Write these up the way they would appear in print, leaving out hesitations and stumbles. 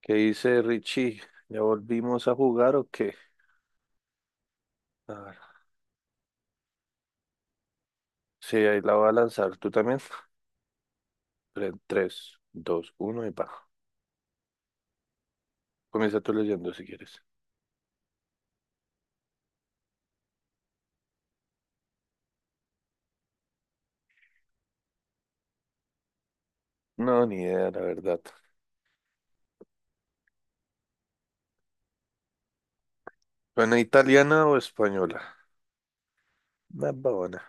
¿Qué dice Richie? ¿Ya volvimos a jugar o qué? A ver, sí, ahí la voy a lanzar. ¿Tú también? Tres dos uno y pa. Comienza tú leyendo si quieres. No, ni idea, la verdad. Buena italiana o española? Una babona.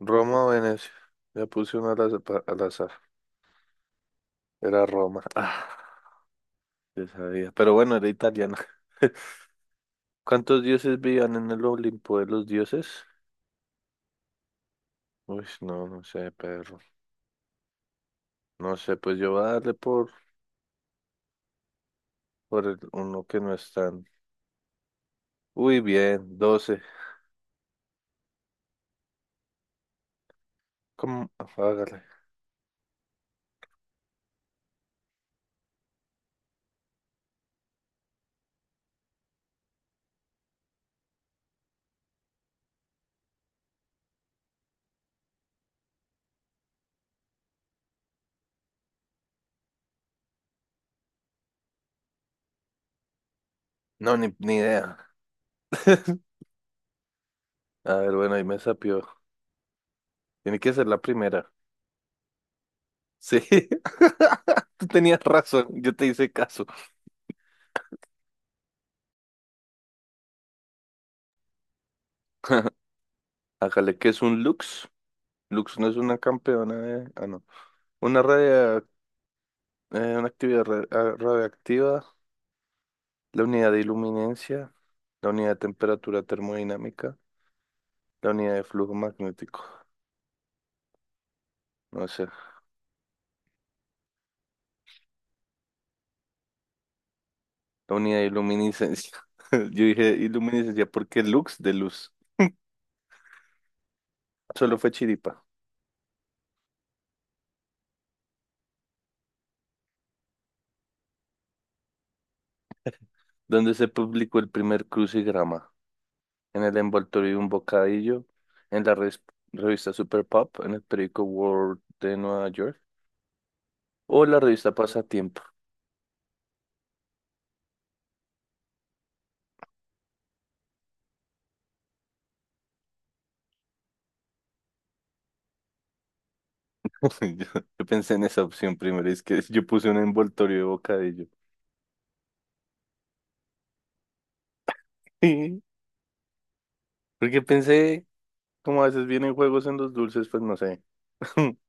¿Roma o Venecia? Ya puse una al azar. Al azar. Era Roma. Ah, ya sabía. Pero bueno, era italiana. ¿Cuántos dioses vivían en el Olimpo de los dioses? Uy, no, no sé, perro. No sé, pues yo voy a darle por el uno que no es tan. Uy, bien, 12. ¿Cómo? Hágale. No, ni idea. A ver, bueno, ahí me sapió. Tiene que ser la primera. Sí. Tú tenías razón, yo te hice caso. Hágale, ¿qué es un Lux? Lux no es una campeona de. Ah, no. Una radio. Una actividad radioactiva, la unidad de iluminencia, la unidad de temperatura termodinámica, la unidad de flujo magnético. No sé, la unidad de iluminiscencia. Yo dije iluminiscencia porque Lux de luz. Solo fue Chiripa, donde se publicó el primer crucigrama, en el envoltorio de un bocadillo, en la revista Super Pop, en el periódico World de Nueva York, o la revista Pasatiempo. Yo, yo pensé en esa opción primero, es que yo puse un envoltorio de bocadillo. Sí, porque pensé, como a veces vienen juegos en los dulces, pues no sé.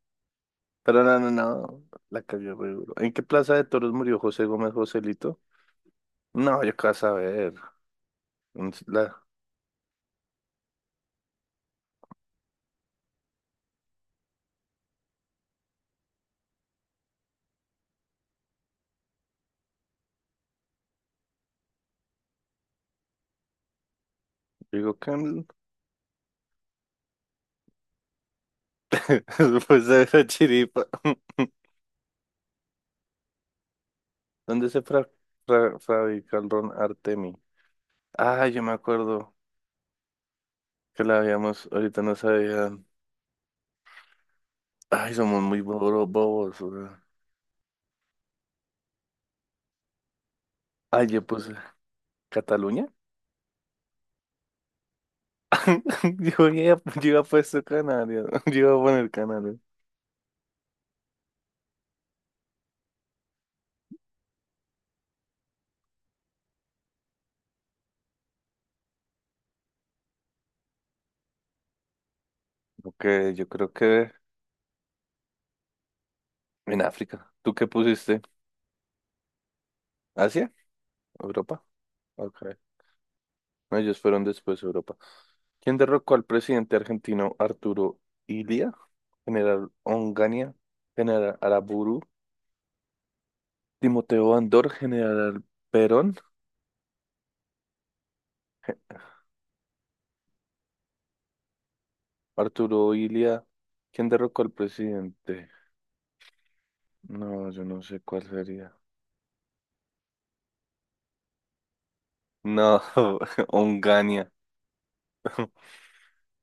Pero no, no, no, la cagué re duro. ¿En qué plaza de toros murió José Gómez Joselito? No, yo qué vas a ver. En la- digo que pues de la chiripa. ¿Dónde se fabrica el ron Artemi? Ah, yo me acuerdo que la habíamos, ahorita no sabía. Ay, somos muy bobos, bobos, weón. Ay, yo puse Cataluña. Yo iba a puesto Canarias. Yo iba a poner Canarias. Ok, yo creo que en África. ¿Tú qué pusiste? ¿Asia? ¿Europa? Ok. No, ellos fueron después Europa. ¿Quién derrocó al presidente argentino Arturo Illia? General Onganía, General Araburu, Timoteo Andor, General Perón, Arturo Illia. ¿Quién derrocó al presidente? No, yo no sé cuál sería. No, Onganía.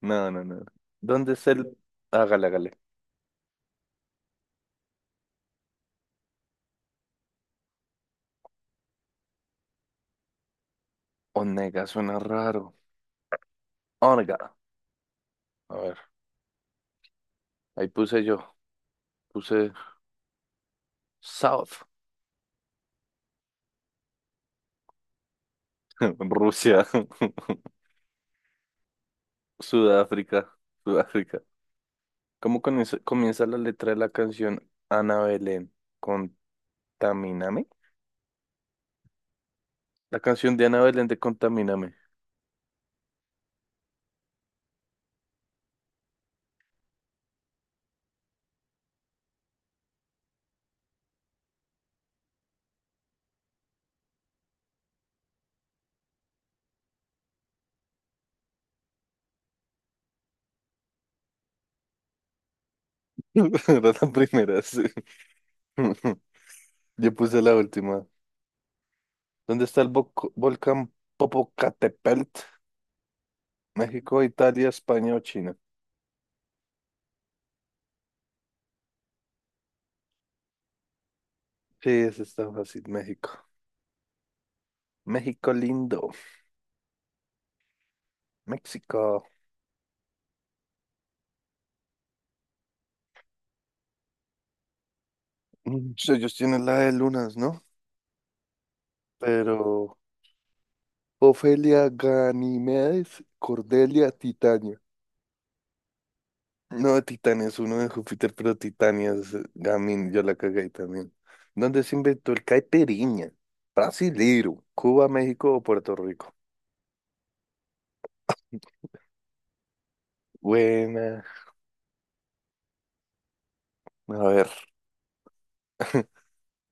No, no, no. ¿Dónde es el? Hágale, hágale. Onega suena raro. Onega. A ver, ahí puse yo. Puse South. Rusia. Sudáfrica. Sudáfrica. ¿Cómo comienza la letra de la canción Ana Belén? Con Contamíname. La canción de Ana Belén de Contamíname. Era la primera, sí. Yo puse la última. ¿Dónde está el volcán Popocatépetl? México, Italia, España o China. Sí, ese está fácil. México. México lindo. México. Mm, sí, ellos tienen la de lunas, ¿no? Pero. Ofelia, Ganimedes, Cordelia, Titania. No, Titania es uno de Júpiter, pero Titania es Gamin, yo la cagué también. ¿Dónde se inventó el caipirinha? Brasilero, Cuba, México o Puerto Rico. Buena. A ver,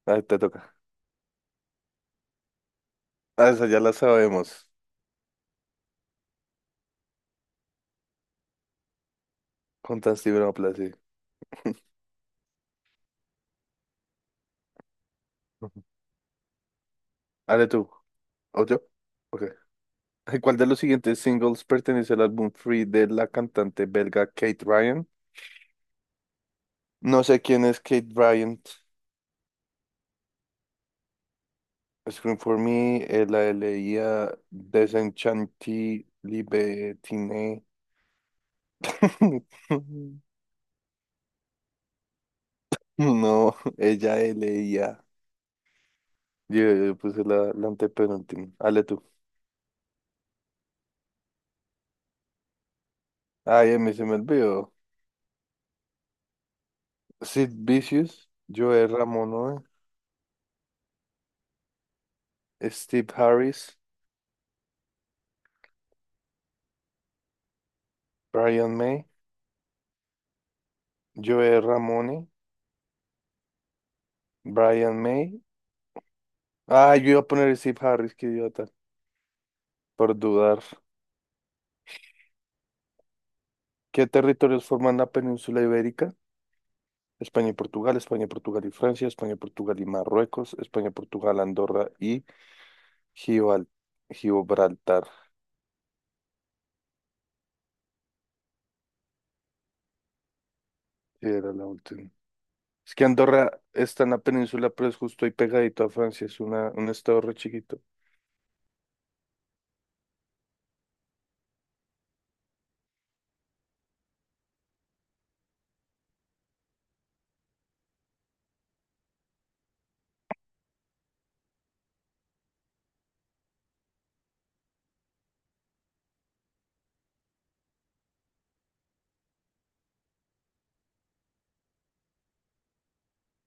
ahí te toca. Ah, esa ya la sabemos. Con Tantibropla, sí. Ujú. Dale tú. ¿O yo? Ok. Ay, ¿cuál de los siguientes singles pertenece al álbum Free de la cantante belga Kate Ryan? No sé quién es Kate Bryant. Scream for Me, la leía Desenchanti Libertine. No, ella leía. Yo puse la antepenúltima. Hale tú. Ay, a mí se me olvidó. Sid Vicious, Joe Ramone, Steve Harris, Brian May, Joe Ramone, Brian May. Ah, yo iba a poner Steve Harris, qué idiota, por dudar. ¿Qué territorios forman la península ibérica? España, y Portugal y Francia, España, y Portugal y Marruecos, España, Portugal, Andorra y Gibral- Gibraltar. Era la última. Es que Andorra está en la península, pero es justo ahí pegadito a Francia, es un estado re chiquito.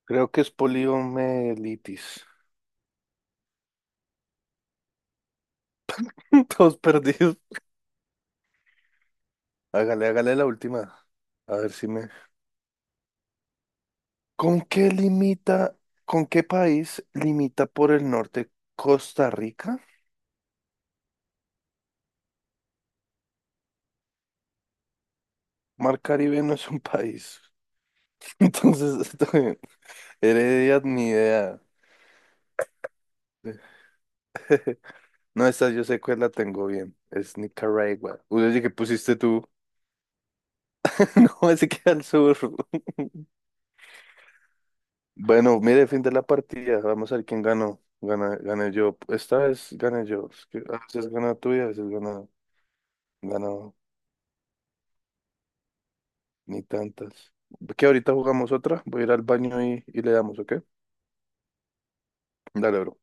Creo que es poliomielitis. Todos perdidos. Hágale, hágale la última. A ver si me. ¿Con qué limita, con qué país limita por el norte Costa Rica? Mar Caribe no es un país. Entonces, Heredia, ni idea. No, esta yo sé cuál la tengo bien. Es Nicaragua. Uy, oye, ¿qué pusiste tú? No, ese queda al sur. Bueno, mire, fin de la partida. Vamos a ver quién ganó. Gané yo. Esta vez gané yo. Es que a veces gana tú y a veces gana ni tantas. Que ahorita jugamos otra. Voy a ir al baño y le damos, ¿ok? Dale, bro.